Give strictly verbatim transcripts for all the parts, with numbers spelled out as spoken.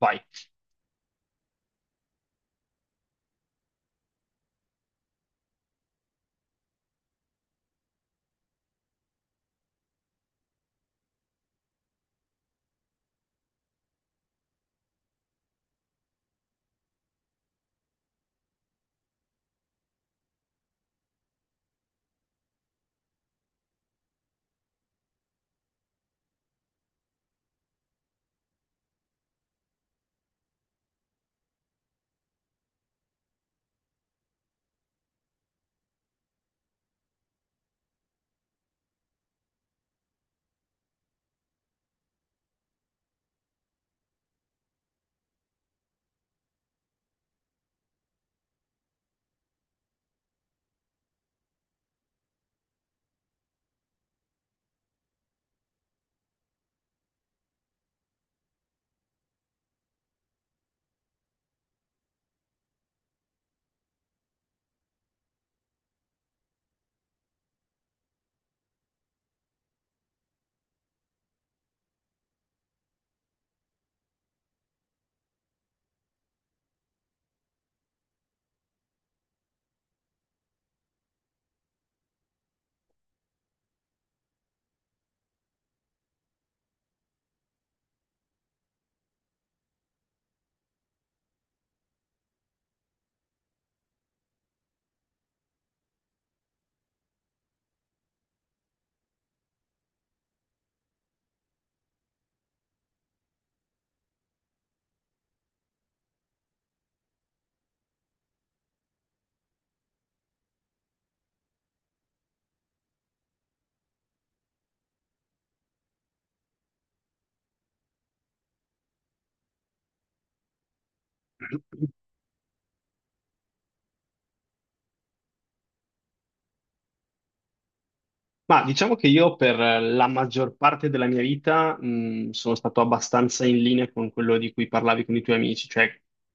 Vai. Ma diciamo che io per la maggior parte della mia vita mh, sono stato abbastanza in linea con quello di cui parlavi con i tuoi amici, cioè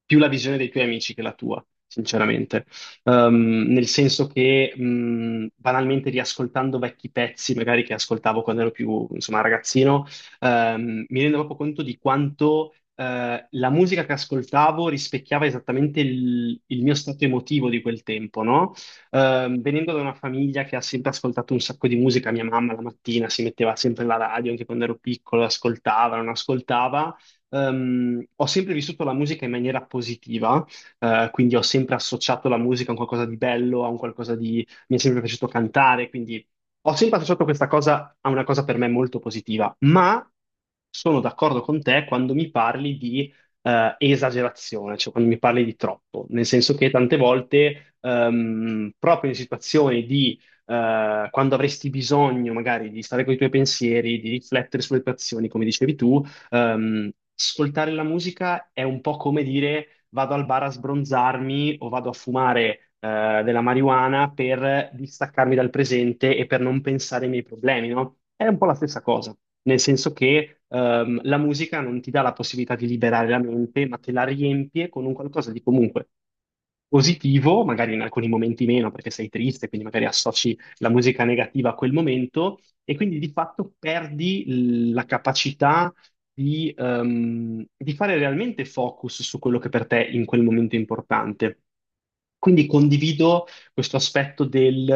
più la visione dei tuoi amici che la tua, sinceramente. Ehm, nel senso che mh, banalmente riascoltando vecchi pezzi, magari che ascoltavo quando ero più, insomma, ragazzino, ehm, mi rendo proprio conto di quanto eh, la musica che ascoltavo rispecchiava esattamente il, il mio stato emotivo di quel tempo, no? Ehm, venendo da una famiglia che ha sempre ascoltato un sacco di musica, mia mamma la mattina si metteva sempre la radio, anche quando ero piccolo, ascoltava, non ascoltava. Ehm, ho sempre vissuto la musica in maniera positiva, eh, quindi ho sempre associato la musica a un qualcosa di bello, a un qualcosa di mi è sempre piaciuto cantare, quindi ho sempre associato questa cosa a una cosa per me molto positiva, ma sono d'accordo con te quando mi parli di eh, esagerazione, cioè quando mi parli di troppo, nel senso che tante volte, ehm, proprio in situazioni di eh, quando avresti bisogno magari di stare con i tuoi pensieri, di riflettere sulle tue azioni, come dicevi tu, ehm, ascoltare la musica è un po' come dire vado al bar a sbronzarmi o vado a fumare eh, della marijuana per distaccarmi dal presente e per non pensare ai miei problemi, no? È un po' la stessa cosa, nel senso che ehm, la musica non ti dà la possibilità di liberare la mente, ma te la riempie con un qualcosa di comunque positivo, magari in alcuni momenti meno perché sei triste, quindi magari associ la musica negativa a quel momento e quindi di fatto perdi l- la capacità di, ehm, di fare realmente focus su quello che per te in quel momento è importante. Quindi condivido questo aspetto del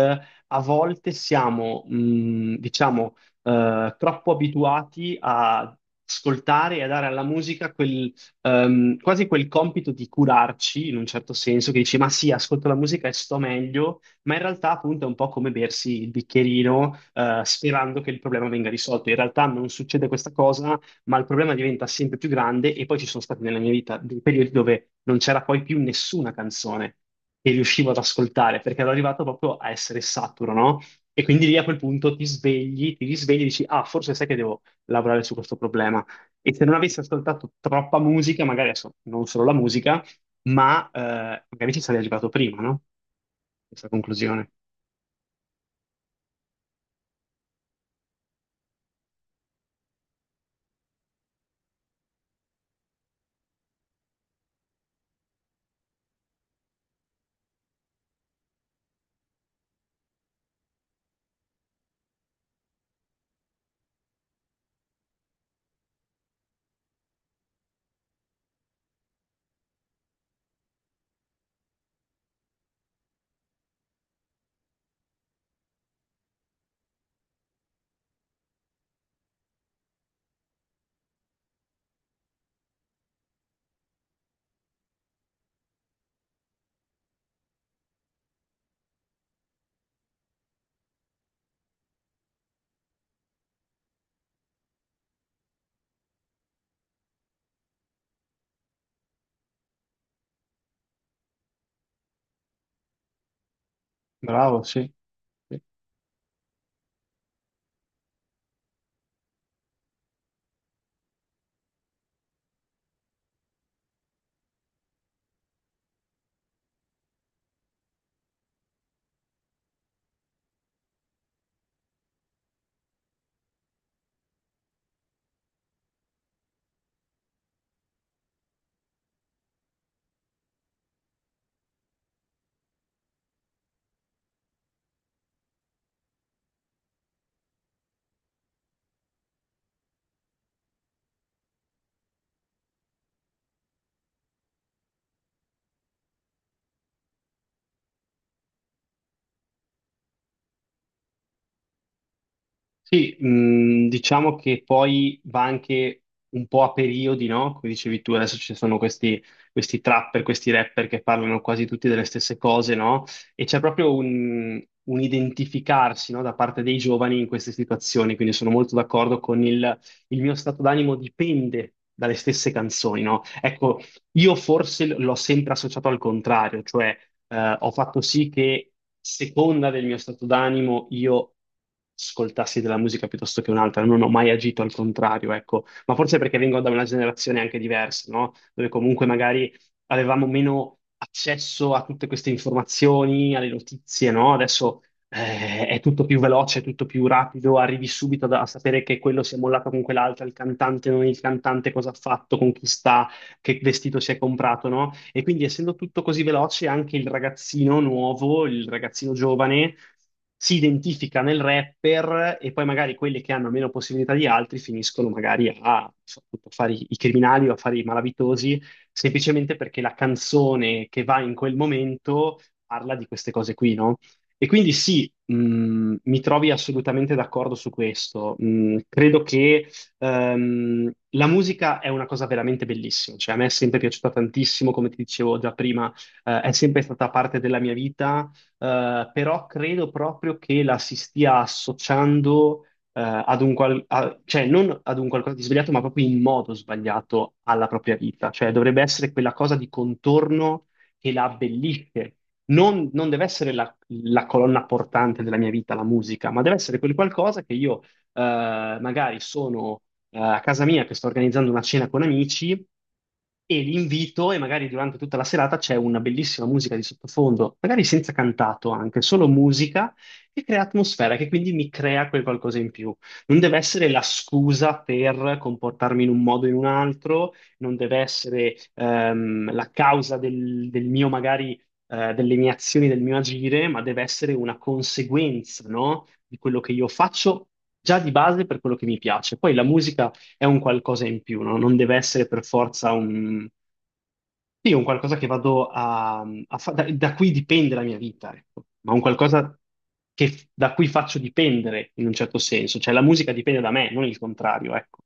a volte siamo, mh, diciamo, eh, troppo abituati a ascoltare e a dare alla musica quel, ehm, quasi quel compito di curarci in un certo senso, che dici, ma sì, ascolto la musica e sto meglio, ma in realtà appunto è un po' come bersi il bicchierino, eh, sperando che il problema venga risolto. In realtà non succede questa cosa, ma il problema diventa sempre più grande e poi ci sono stati nella mia vita dei periodi dove non c'era poi più nessuna canzone che riuscivo ad ascoltare, perché ero arrivato proprio a essere saturo, no? E quindi lì a quel punto ti svegli, ti risvegli e dici, ah, forse sai che devo lavorare su questo problema. E se non avessi ascoltato troppa musica, magari adesso non solo la musica, ma eh, magari ci sarei arrivato prima, no? Questa conclusione. Bravo, sì. Sì, mh, diciamo che poi va anche un po' a periodi, no? Come dicevi tu, adesso ci sono questi, questi trapper, questi rapper che parlano quasi tutti delle stesse cose, no? E c'è proprio un, un identificarsi, no? Da parte dei giovani in queste situazioni, quindi sono molto d'accordo con il, il mio stato d'animo dipende dalle stesse canzoni, no? Ecco, io forse l- l'ho sempre associato al contrario, cioè eh, ho fatto sì che, seconda del mio stato d'animo, io ascoltassi della musica piuttosto che un'altra, non ho mai agito al contrario, ecco, ma forse perché vengo da una generazione anche diversa, no? Dove comunque magari avevamo meno accesso a tutte queste informazioni, alle notizie, no? Adesso eh, è tutto più veloce, è tutto più rapido, arrivi subito da- a sapere che quello si è mollato con quell'altra, il cantante non il cantante, cosa ha fatto, con chi sta, che vestito si è comprato, no? E quindi essendo tutto così veloce, anche il ragazzino nuovo, il ragazzino giovane, si identifica nel rapper e poi magari quelli che hanno meno possibilità di altri finiscono magari a, appunto, fare i i criminali o a fare i malavitosi, semplicemente perché la canzone che va in quel momento parla di queste cose qui, no? E quindi sì, mh, mi trovi assolutamente d'accordo su questo. Mh, credo che Ehm, la musica è una cosa veramente bellissima, cioè a me è sempre piaciuta tantissimo, come ti dicevo già prima, eh, è sempre stata parte della mia vita, eh, però credo proprio che la si stia associando, eh, ad un qual- a- cioè non ad un qualcosa di sbagliato, ma proprio in modo sbagliato alla propria vita, cioè dovrebbe essere quella cosa di contorno che la abbellisce. Non, non deve essere la la colonna portante della mia vita, la musica, ma deve essere quel qualcosa che io eh, magari sono eh, a casa mia che sto organizzando una cena con amici e li invito e magari durante tutta la serata c'è una bellissima musica di sottofondo, magari senza cantato anche, solo musica che crea atmosfera, che quindi mi crea quel qualcosa in più. Non deve essere la scusa per comportarmi in un modo o in un altro, non deve essere ehm, la causa del, del mio magari eh, delle mie azioni, del mio agire, ma deve essere una conseguenza, no? Di quello che io faccio già di base per quello che mi piace. Poi la musica è un qualcosa in più, no? Non deve essere per forza un, sì, un qualcosa che vado a, a fa- da, da cui dipende la mia vita, ecco. Ma un qualcosa che, da cui faccio dipendere in un certo senso. Cioè la musica dipende da me, non il contrario, ecco.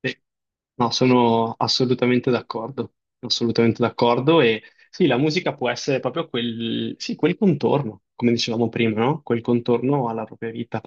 Sì. No, sono assolutamente d'accordo, assolutamente d'accordo e sì, la musica può essere proprio quel, sì, quel contorno, come dicevamo prima, no? Quel contorno alla propria vita.